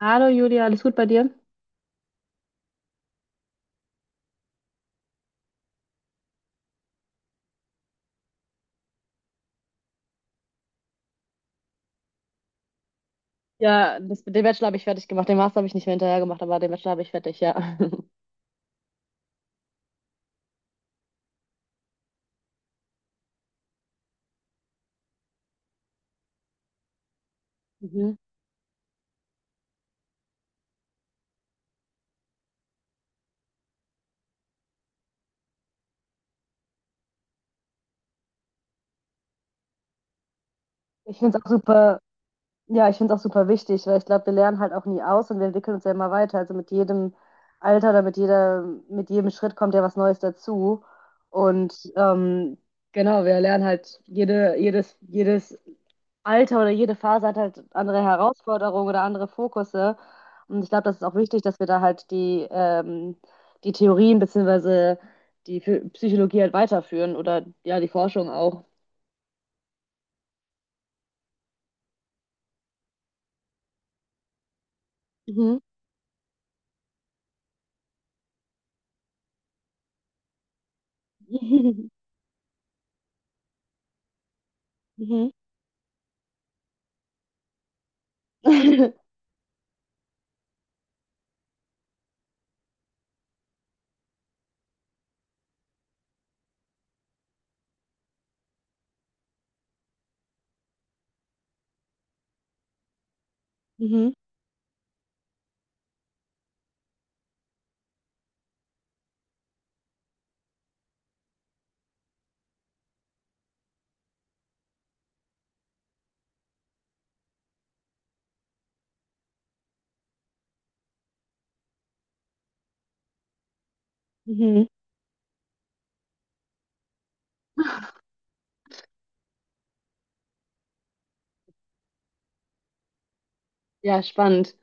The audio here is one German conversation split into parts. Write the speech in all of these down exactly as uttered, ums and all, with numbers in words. Hallo Julia, alles gut bei dir? Ja, das, den Bachelor habe ich fertig gemacht. Den Master habe ich nicht mehr hinterher gemacht, aber den Bachelor habe ich fertig, ja. Mhm. Ich finde es auch super, ja, ich finde es auch super wichtig, weil ich glaube, wir lernen halt auch nie aus und wir entwickeln uns ja immer weiter. Also mit jedem Alter oder mit jeder, mit jedem Schritt kommt ja was Neues dazu. Und ähm, genau, wir lernen halt jede, jedes, jedes Alter oder jede Phase hat halt andere Herausforderungen oder andere Fokusse. Und ich glaube, das ist auch wichtig, dass wir da halt die, ähm, die Theorien beziehungsweise die Phy- Psychologie halt weiterführen oder ja, die Forschung auch. Mhm. Mhm. Mhm. Mhm. Ja, spannend.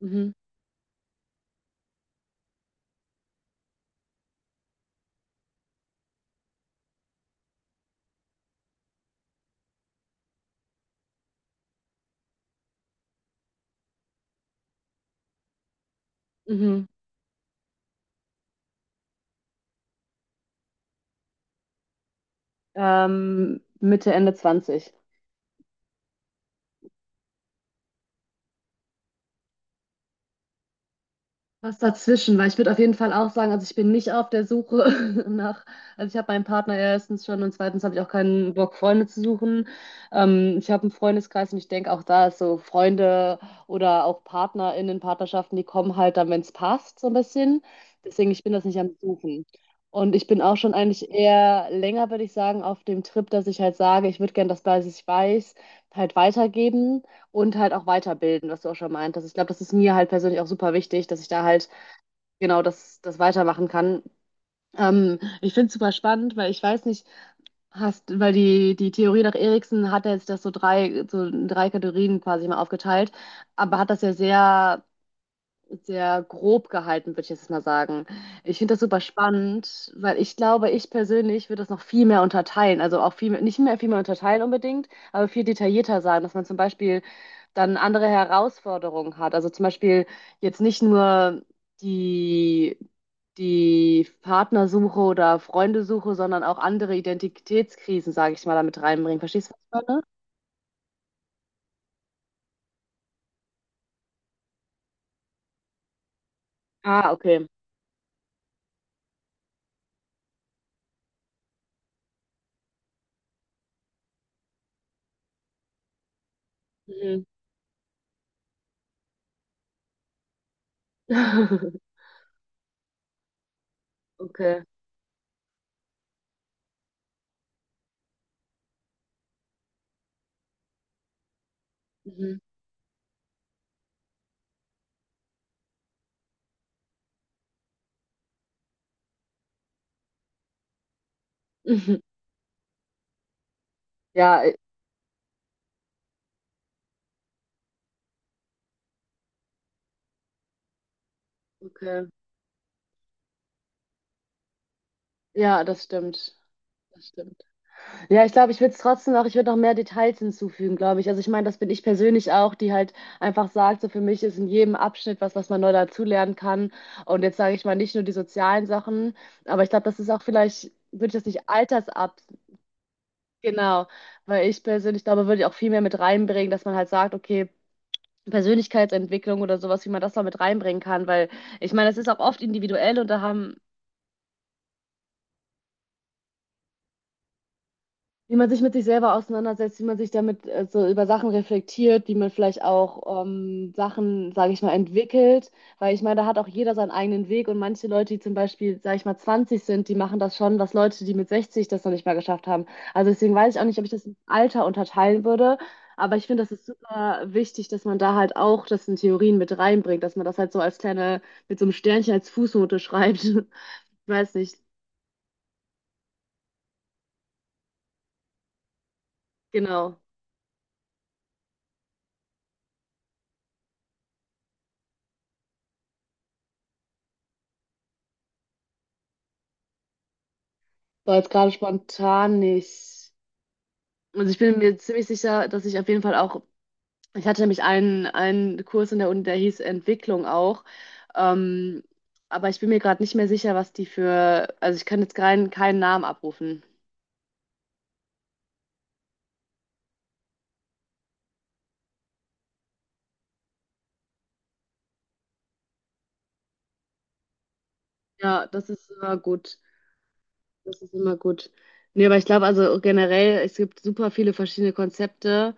Mhm. Mhm. Ähm, Mitte, Ende zwanzig Was dazwischen, weil ich würde auf jeden Fall auch sagen, also ich bin nicht auf der Suche nach, also ich habe meinen Partner erstens schon und zweitens habe ich auch keinen Bock, Freunde zu suchen. Ähm, ich habe einen Freundeskreis und ich denke auch da ist so Freunde oder auch PartnerInnen, Partnerschaften, die kommen halt dann, wenn es passt, so ein bisschen. Deswegen, ich bin das nicht am Suchen. Und ich bin auch schon eigentlich eher länger, würde ich sagen, auf dem Trip, dass ich halt sage, ich würde gerne das, was ich weiß, halt weitergeben. Und halt auch weiterbilden, was du auch schon meintest. Ich glaube, das ist mir halt persönlich auch super wichtig, dass ich da halt genau das, das weitermachen kann. Ähm, ich finde es super spannend, weil ich weiß nicht, hast, weil die, die Theorie nach Erikson hat ja jetzt das so drei, so in drei Kategorien quasi mal aufgeteilt, aber hat das ja sehr, sehr grob gehalten, würde ich jetzt mal sagen. Ich finde das super spannend, weil ich glaube, ich persönlich würde das noch viel mehr unterteilen. Also auch viel, mehr- nicht mehr viel mehr unterteilen unbedingt, aber viel detaillierter sagen, dass man zum Beispiel dann andere Herausforderungen hat. Also zum Beispiel jetzt nicht nur die, die Partnersuche oder Freundesuche, sondern auch andere Identitätskrisen, sage ich mal, damit reinbringen. Verstehst du, was ich meine? Ah, okay. Mhm. Okay. Mhm. Ja, äh, okay. Ja, das stimmt. Das stimmt. Ja, ich glaube, ich würde es trotzdem noch, ich würde noch mehr Details hinzufügen, glaube ich. Also ich meine, das bin ich persönlich auch, die halt einfach sagt, so für mich ist in jedem Abschnitt was, was man neu dazulernen kann. Und jetzt sage ich mal nicht nur die sozialen Sachen, aber ich glaube, das ist auch vielleicht, würde ich das nicht altersab, genau, weil ich persönlich glaube, würde ich auch viel mehr mit reinbringen, dass man halt sagt, okay, Persönlichkeitsentwicklung oder sowas, wie man das noch mit reinbringen kann, weil ich meine, das ist auch oft individuell und da haben. Wie man sich mit sich selber auseinandersetzt, wie man sich damit äh, so über Sachen reflektiert, wie man vielleicht auch ähm, Sachen, sage ich mal, entwickelt. Weil ich meine, da hat auch jeder seinen eigenen Weg und manche Leute, die zum Beispiel, sage ich mal, zwanzig sind, die machen das schon, was Leute, die mit sechzig das noch nicht mal geschafft haben. Also deswegen weiß ich auch nicht, ob ich das im Alter unterteilen würde. Aber ich finde, das ist super wichtig, dass man da halt auch das in Theorien mit reinbringt, dass man das halt so als kleine, mit so einem Sternchen als Fußnote schreibt. Ich weiß nicht, genau. So jetzt gerade spontan nicht. Also ich bin mir ziemlich sicher, dass ich auf jeden Fall auch, ich hatte nämlich einen, einen Kurs in der Uni, der hieß Entwicklung auch. Ähm, aber ich bin mir gerade nicht mehr sicher, was die für, also ich kann jetzt keinen, keinen Namen abrufen. Ja, das ist immer gut. Das ist immer gut. Nee, aber ich glaube also generell, es gibt super viele verschiedene Konzepte.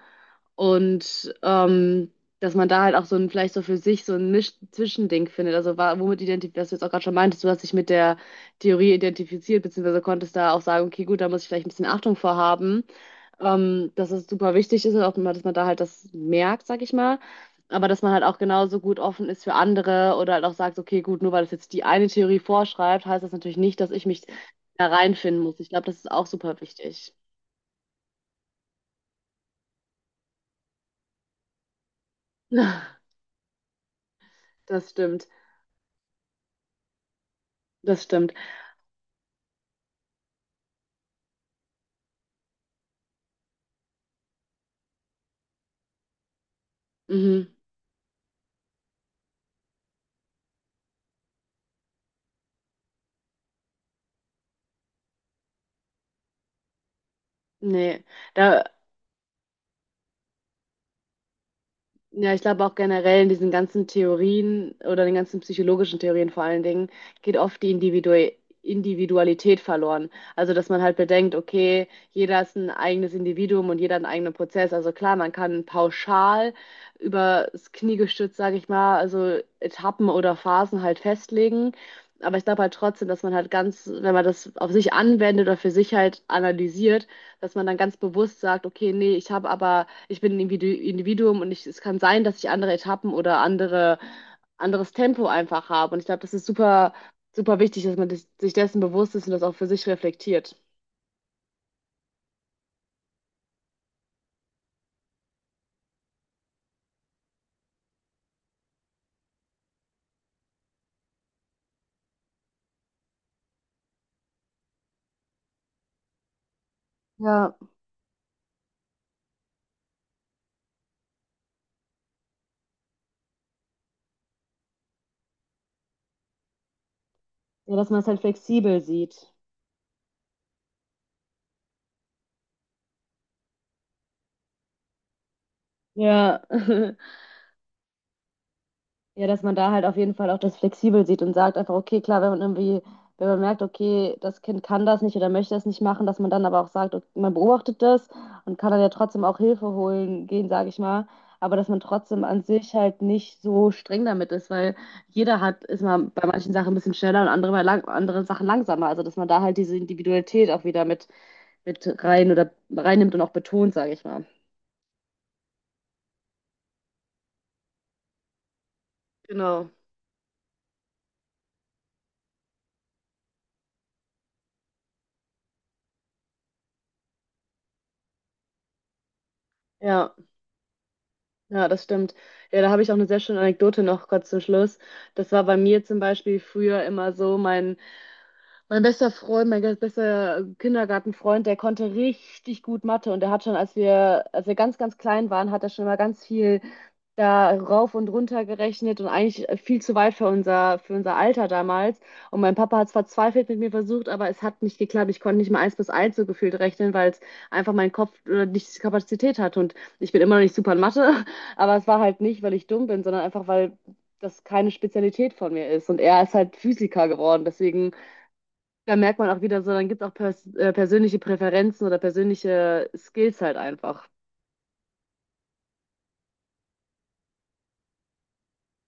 Und ähm, dass man da halt auch so ein, vielleicht so für sich so ein Misch Zwischending findet. Also wa- womit identifiziert, was du jetzt auch gerade schon meintest, du hast dich mit der Theorie identifiziert, beziehungsweise konntest da auch sagen, okay, gut, da muss ich vielleicht ein bisschen Achtung vor haben, ähm, dass es super wichtig ist und auch, dass man da halt das merkt, sag ich mal. Aber dass man halt auch genauso gut offen ist für andere oder halt auch sagt, okay, gut, nur weil das jetzt die eine Theorie vorschreibt, heißt das natürlich nicht, dass ich mich da reinfinden muss. Ich glaube, das ist auch super wichtig. Das stimmt, das stimmt. Mhm. Nee, da, ja, ich glaube auch generell in diesen ganzen Theorien oder den ganzen psychologischen Theorien vor allen Dingen geht oft die Individu Individualität verloren. Also, dass man halt bedenkt, okay, jeder ist ein eigenes Individuum und jeder hat einen eigenen Prozess. Also klar, man kann pauschal übers Knie gestützt, sage ich mal, also Etappen oder Phasen halt festlegen. Aber ich glaube halt trotzdem, dass man halt ganz, wenn man das auf sich anwendet oder für sich halt analysiert, dass man dann ganz bewusst sagt, okay, nee, ich habe aber ich bin ein Individu- Individuum und ich, es kann sein, dass ich andere Etappen oder andere, anderes Tempo einfach habe. Und ich glaube, das ist super, super wichtig, dass man des- sich dessen bewusst ist und das auch für sich reflektiert. Ja, ja, dass man es halt flexibel sieht. Ja. Ja, dass man da halt auf jeden Fall auch das flexibel sieht und sagt einfach, okay, klar, wenn man irgendwie, wenn man merkt, okay, das Kind kann das nicht oder möchte das nicht machen, dass man dann aber auch sagt, okay, man beobachtet das und kann dann ja trotzdem auch Hilfe holen gehen, sage ich mal. Aber dass man trotzdem an sich halt nicht so streng damit ist, weil jeder hat, ist mal bei manchen Sachen ein bisschen schneller und andere bei lang, anderen Sachen langsamer. Also dass man da halt diese Individualität auch wieder mit, mit rein oder reinnimmt und auch betont, sage ich mal. Genau, ja. Ja, das stimmt. Ja, da habe ich auch eine sehr schöne Anekdote noch kurz zum Schluss. Das war bei mir zum Beispiel früher immer so, mein, mein bester Freund, mein ganz bester Kindergartenfreund, der konnte richtig gut Mathe und der hat schon, als wir, als wir ganz, ganz klein waren, hat er schon immer ganz viel da rauf und runter gerechnet und eigentlich äh, viel zu weit für unser, für unser Alter damals. Und mein Papa hat es verzweifelt mit mir versucht, aber es hat nicht geklappt. Ich konnte nicht mal eins bis eins so gefühlt rechnen, weil es einfach mein Kopf äh, nicht die Kapazität hat. Und ich bin immer noch nicht super in Mathe, aber es war halt nicht, weil ich dumm bin, sondern einfach, weil das keine Spezialität von mir ist. Und er ist halt Physiker geworden. Deswegen, da merkt man auch wieder so, dann gibt es auch pers äh, persönliche Präferenzen oder persönliche Skills halt einfach.